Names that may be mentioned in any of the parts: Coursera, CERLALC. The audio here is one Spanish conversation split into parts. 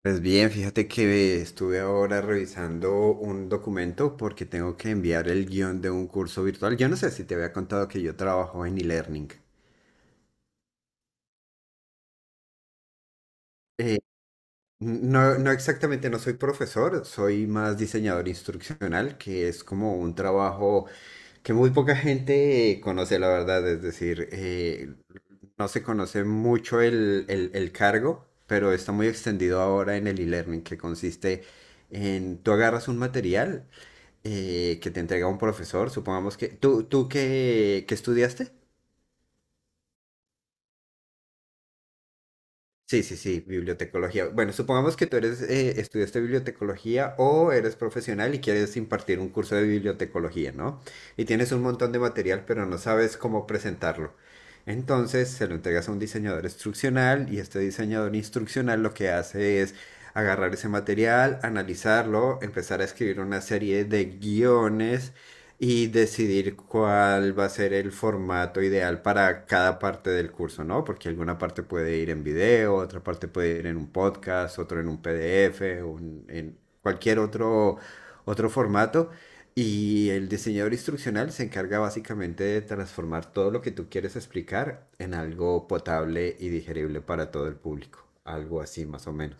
Pues bien, fíjate que estuve ahora revisando un documento porque tengo que enviar el guión de un curso virtual. Yo no sé si te había contado que yo trabajo en e-learning. Eh, no, no exactamente, no soy profesor, soy más diseñador instruccional, que es como un trabajo que muy poca gente conoce, la verdad. Es decir, no se conoce mucho el cargo, pero está muy extendido ahora en el e-learning, que consiste en tú agarras un material que te entrega un profesor, supongamos que... ¿Tú qué estudiaste? Sí, sí, sí, bibliotecología. Bueno, supongamos que tú eres, estudiaste bibliotecología o eres profesional y quieres impartir un curso de bibliotecología, ¿no? Y tienes un montón de material, pero no sabes cómo presentarlo. Entonces se lo entregas a un diseñador instruccional y este diseñador instruccional lo que hace es agarrar ese material, analizarlo, empezar a escribir una serie de guiones y decidir cuál va a ser el formato ideal para cada parte del curso, ¿no? Porque alguna parte puede ir en video, otra parte puede ir en un podcast, otro en un PDF, en cualquier otro, otro formato. Y el diseñador instruccional se encarga básicamente de transformar todo lo que tú quieres explicar en algo potable y digerible para todo el público. Algo así más o menos.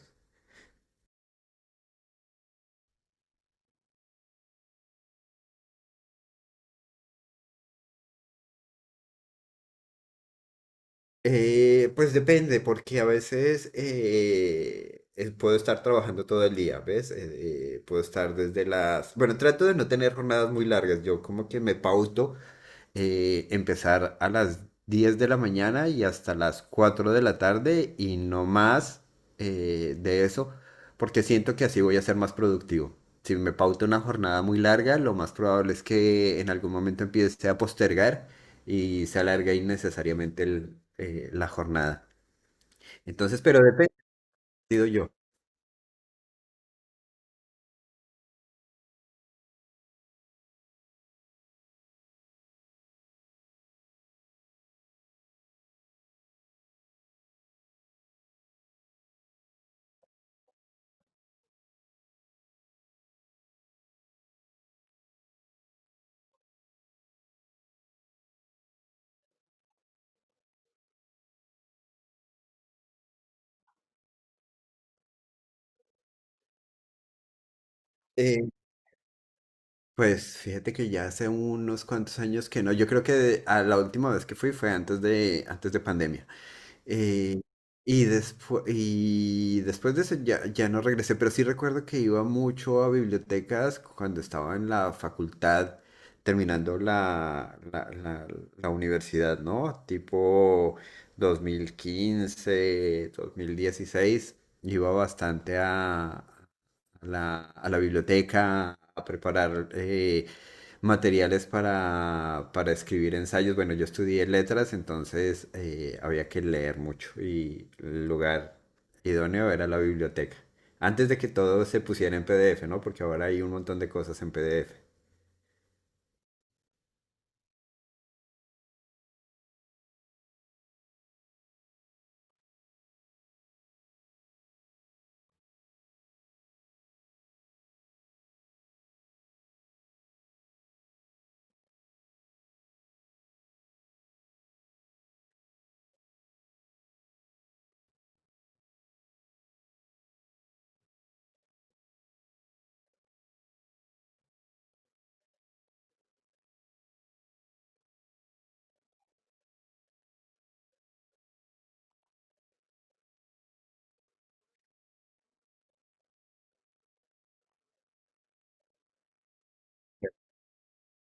Pues depende, porque a veces puedo estar trabajando todo el día, ¿ves? Puedo estar desde las... Bueno, trato de no tener jornadas muy largas, yo como que me pauto empezar a las 10 de la mañana y hasta las 4 de la tarde y no más de eso, porque siento que así voy a ser más productivo. Si me pauto una jornada muy larga, lo más probable es que en algún momento empiece a postergar y se alargue innecesariamente la jornada. Entonces, pero depende, digo yo. Eh, pues fíjate que ya hace unos cuantos años que no, yo creo que a la última vez que fui fue antes de pandemia. Eh, y después de eso ya no regresé, pero sí recuerdo que iba mucho a bibliotecas cuando estaba en la facultad, terminando la universidad, ¿no? Tipo dos mil quince 2016 iba bastante a la biblioteca a preparar materiales para escribir ensayos. Bueno, yo estudié letras, entonces había que leer mucho y el lugar idóneo era la biblioteca. Antes de que todo se pusiera en PDF, ¿no? Porque ahora hay un montón de cosas en PDF.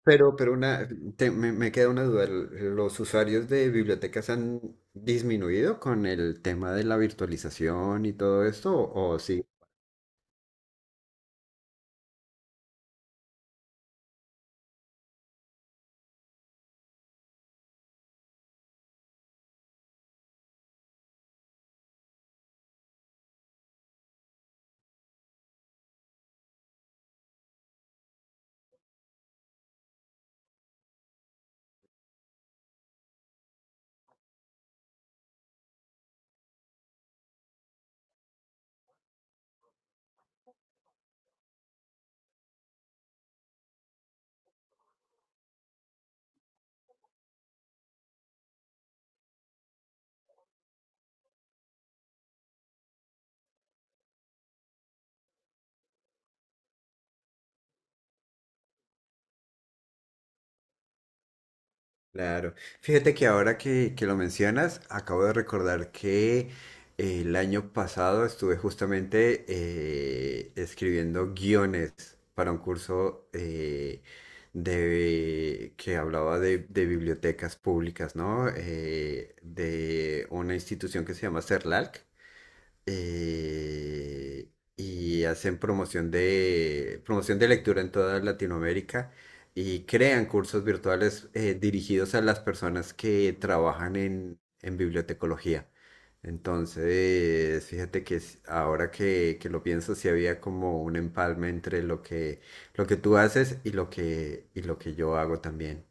Pero, pero una, me queda una duda. ¿Los usuarios de bibliotecas han disminuido con el tema de la virtualización y todo esto? O Claro. Fíjate que ahora que lo mencionas, acabo de recordar que el año pasado estuve justamente escribiendo guiones para un curso que hablaba de bibliotecas públicas, ¿no? De una institución que se llama CERLALC eh, y hacen promoción de lectura en toda Latinoamérica y crean cursos virtuales dirigidos a las personas que trabajan en bibliotecología. Entonces, fíjate que ahora que lo pienso, sí había como un empalme entre lo que tú haces y lo que yo hago también.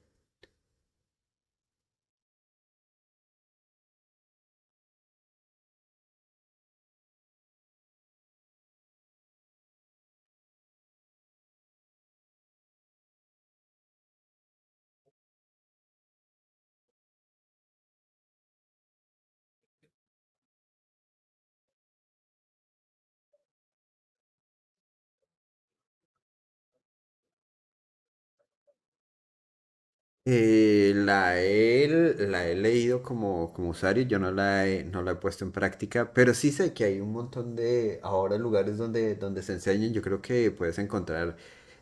Eh, la he, la he leído como usuario, yo no la he puesto en práctica, pero sí sé que hay un montón de ahora lugares donde, donde se enseñan. Yo creo que puedes encontrar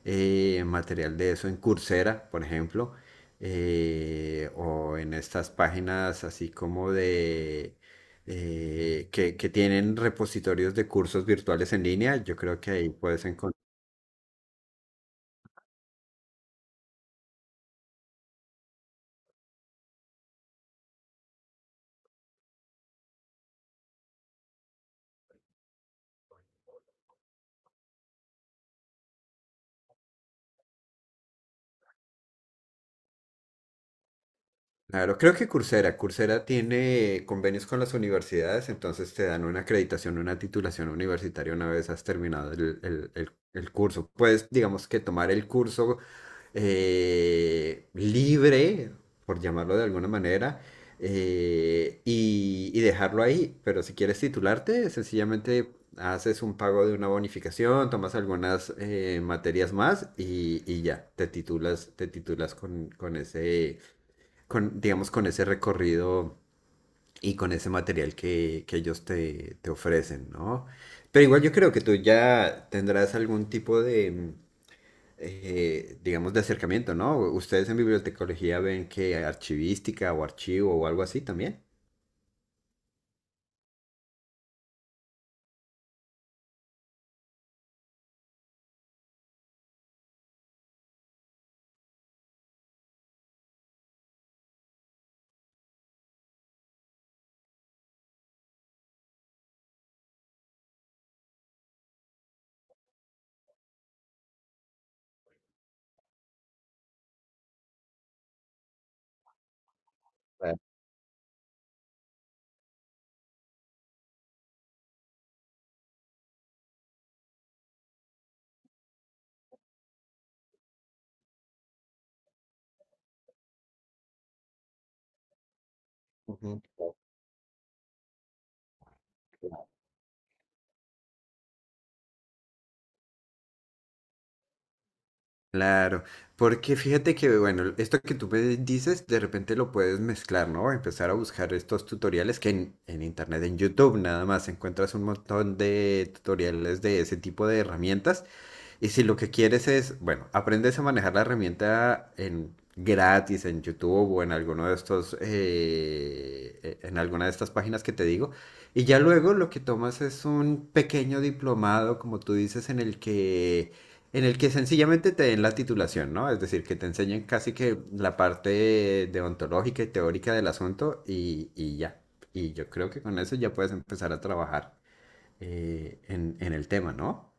material de eso en Coursera, por ejemplo, o en estas páginas así como de que tienen repositorios de cursos virtuales en línea. Yo creo que ahí puedes. Claro, creo que Coursera tiene convenios con las universidades, entonces te dan una acreditación, una titulación universitaria una vez has terminado el curso. Puedes, digamos que tomar el curso libre, por llamarlo de alguna manera, y dejarlo ahí. Pero si quieres titularte, sencillamente haces un pago de una bonificación, tomas algunas materias más y ya, te titulas digamos, con ese recorrido y con ese material que ellos te ofrecen, ¿no? Pero igual yo creo que tú ya tendrás algún tipo de, digamos, de acercamiento, ¿no? Ustedes en bibliotecología ven que archivística o archivo o algo así también. Claro, porque fíjate que, bueno, esto que tú me dices, de repente lo puedes mezclar, ¿no? Empezar a buscar estos tutoriales que en internet, en YouTube, nada más encuentras un montón de tutoriales de ese tipo de herramientas y si lo que quieres es, bueno, aprendes a manejar la herramienta en gratis en YouTube o en alguno de estos, en alguna de estas páginas que te digo, y ya luego lo que tomas es un pequeño diplomado, como tú dices, en el que sencillamente te den la titulación, ¿no? Es decir, que te enseñen casi que la parte deontológica y teórica del asunto y ya. Y yo creo que con eso ya puedes empezar a trabajar en el tema, ¿no?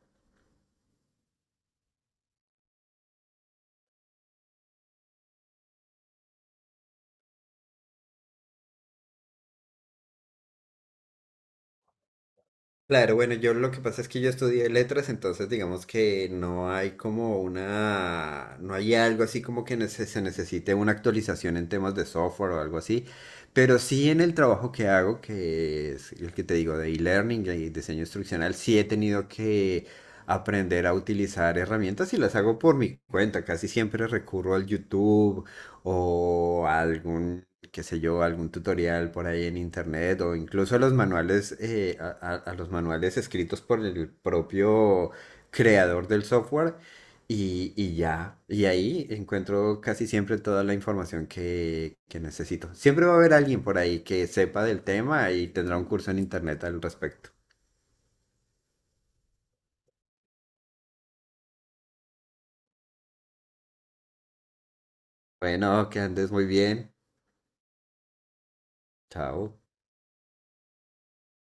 Claro, bueno, yo lo que pasa es que yo estudié letras, entonces digamos que no hay como una, no hay algo así como que se necesite una actualización en temas de software o algo así, pero sí en el trabajo que hago, que es el que te digo de e-learning y diseño instruccional, sí he tenido que aprender a utilizar herramientas y las hago por mi cuenta, casi siempre recurro al YouTube o qué sé yo, algún tutorial por ahí en internet o incluso los manuales, a los manuales escritos por el propio creador del software y ya, y ahí encuentro casi siempre toda la información que necesito. Siempre va a haber alguien por ahí que sepa del tema y tendrá un curso en internet al respecto. Bueno, que andes muy bien. Chao.